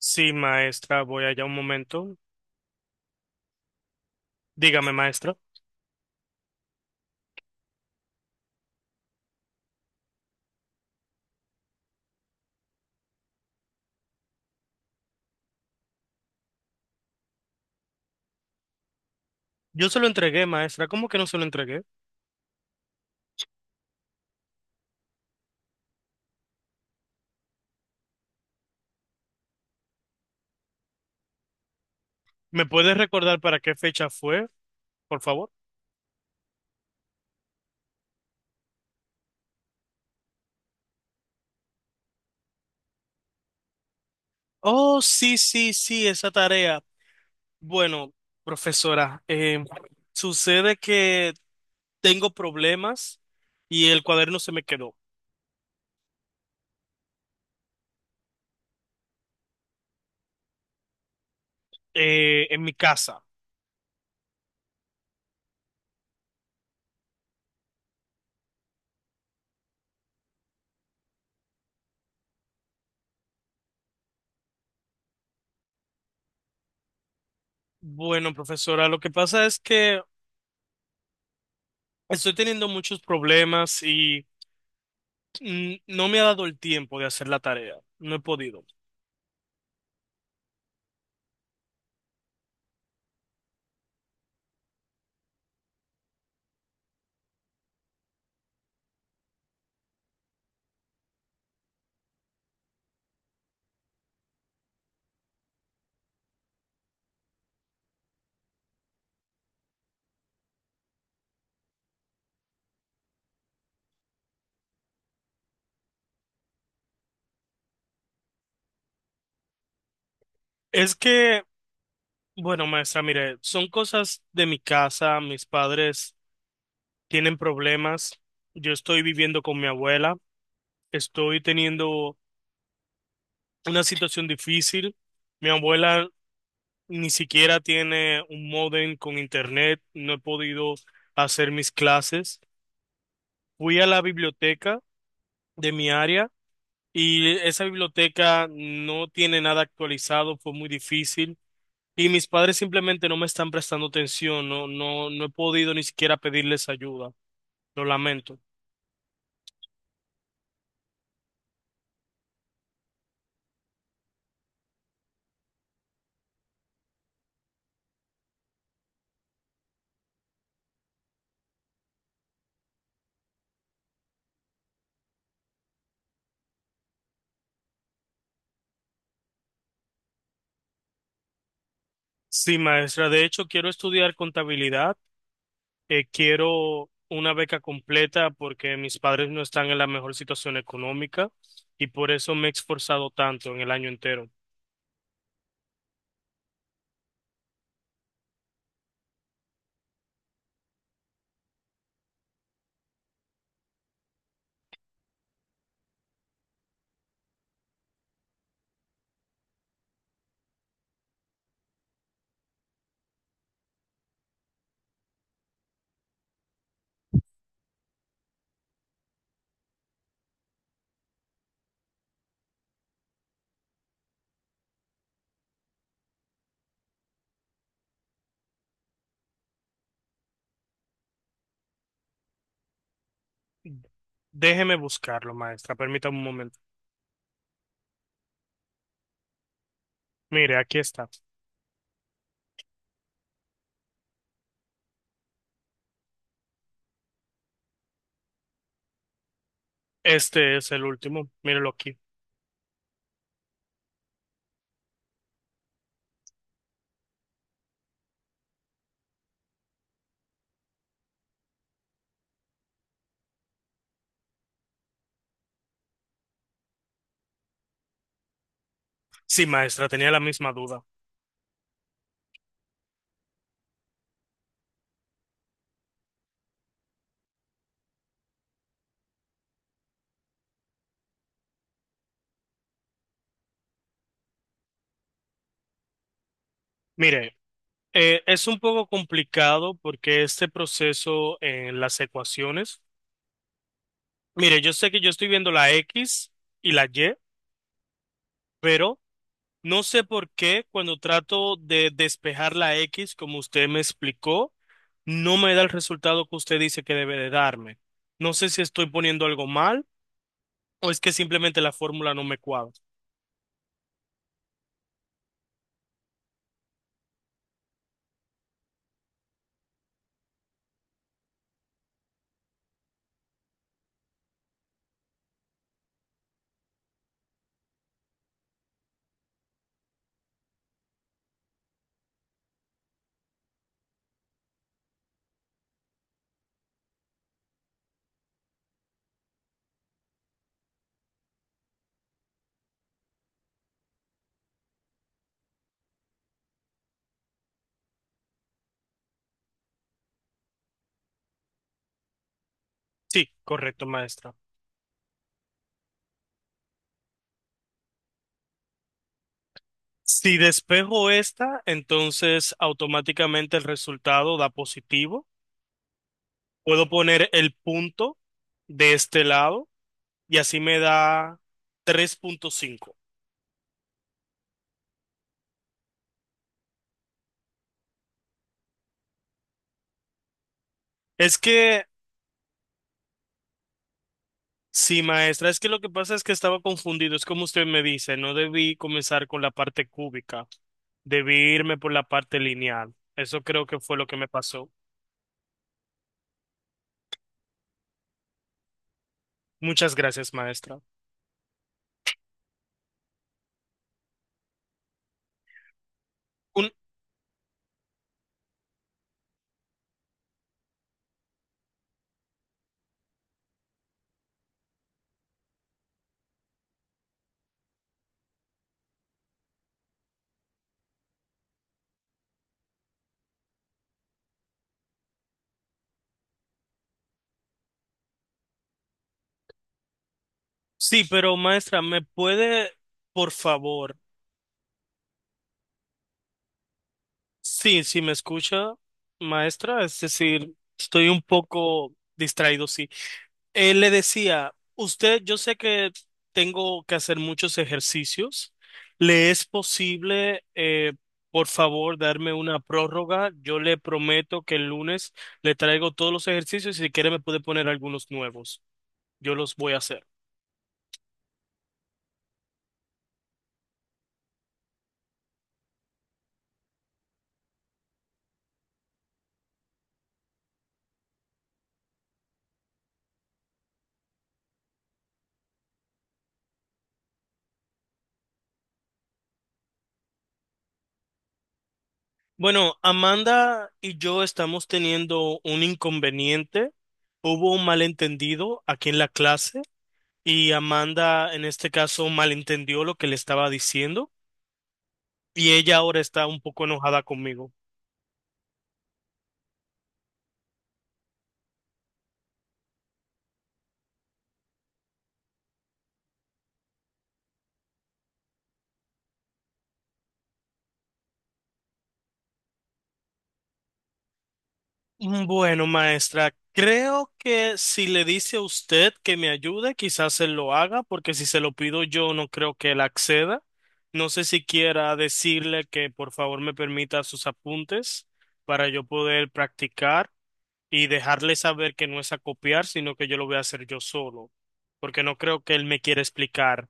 Sí, maestra, voy allá un momento. Dígame, maestra. Yo se lo entregué, maestra. ¿Cómo que no se lo entregué? ¿Me puedes recordar para qué fecha fue, por favor? Oh, sí, sí, sí, esa tarea. Bueno, profesora, sucede que tengo problemas y el cuaderno se me quedó en mi casa. Bueno, profesora, lo que pasa es que estoy teniendo muchos problemas y no me ha dado el tiempo de hacer la tarea. No he podido. Es que bueno, maestra, mire, son cosas de mi casa, mis padres tienen problemas, yo estoy viviendo con mi abuela, estoy teniendo una situación difícil, mi abuela ni siquiera tiene un módem con internet, no he podido hacer mis clases. Fui a la biblioteca de mi área y esa biblioteca no tiene nada actualizado, fue muy difícil. Y mis padres simplemente no me están prestando atención, no, no, no he podido ni siquiera pedirles ayuda. Lo lamento. Sí, maestra. De hecho, quiero estudiar contabilidad. Quiero una beca completa porque mis padres no están en la mejor situación económica y por eso me he esforzado tanto en el año entero. Déjeme buscarlo, maestra. Permítame un momento. Mire, aquí está. Este es el último. Mírelo aquí. Sí, maestra, tenía la misma duda. Mire, es un poco complicado porque este proceso en las ecuaciones. Mire, yo sé que yo estoy viendo la X y la Y. Pero no sé por qué cuando trato de despejar la X, como usted me explicó, no me da el resultado que usted dice que debe de darme. No sé si estoy poniendo algo mal o es que simplemente la fórmula no me cuadra. Sí, correcto, maestra. Si despejo esta, entonces automáticamente el resultado da positivo. Puedo poner el punto de este lado y así me da 3.5. Es que sí, maestra, es que lo que pasa es que estaba confundido, es como usted me dice, no debí comenzar con la parte cúbica, debí irme por la parte lineal. Eso creo que fue lo que me pasó. Muchas gracias, maestra. Un... Sí, pero maestra, ¿me puede, por favor? Sí, sí, me escucha, maestra, es decir, estoy un poco distraído, sí. Él le decía, usted, yo sé que tengo que hacer muchos ejercicios. ¿Le es posible, por favor, darme una prórroga? Yo le prometo que el lunes le traigo todos los ejercicios y si quiere me puede poner algunos nuevos. Yo los voy a hacer. Bueno, Amanda y yo estamos teniendo un inconveniente. Hubo un malentendido aquí en la clase y Amanda en este caso malentendió lo que le estaba diciendo. Y ella ahora está un poco enojada conmigo. Bueno, maestra, creo que si le dice a usted que me ayude, quizás él lo haga, porque si se lo pido yo, no creo que él acceda. No sé si quiera decirle que por favor me permita sus apuntes para yo poder practicar y dejarle saber que no es a copiar, sino que yo lo voy a hacer yo solo, porque no creo que él me quiera explicar.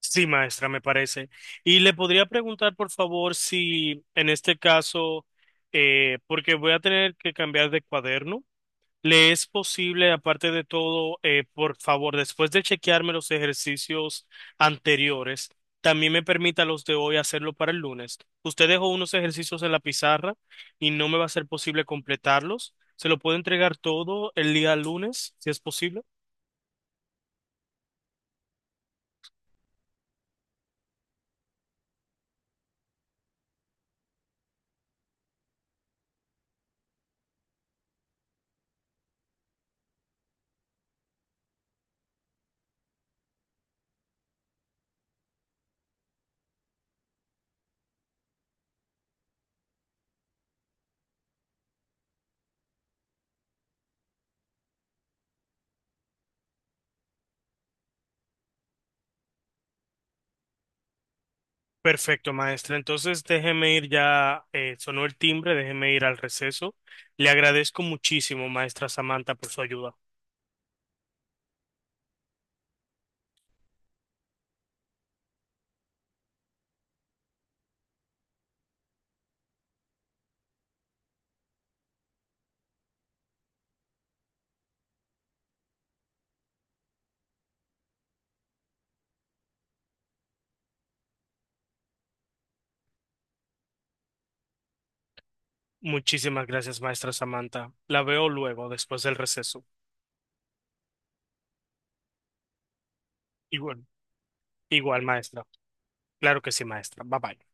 Sí, maestra, me parece. Y le podría preguntar, por favor, si en este caso, porque voy a tener que cambiar de cuaderno. Le es posible, aparte de todo, por favor, después de chequearme los ejercicios anteriores, también me permita los de hoy hacerlo para el lunes. Usted dejó unos ejercicios en la pizarra y no me va a ser posible completarlos. ¿Se lo puedo entregar todo el día lunes, si es posible? Perfecto, maestra. Entonces déjeme ir ya, sonó el timbre, déjeme ir al receso. Le agradezco muchísimo, maestra Samantha, por su ayuda. Muchísimas gracias, maestra Samantha. La veo luego, después del receso. Igual, igual, maestra. Claro que sí, maestra. Bye bye.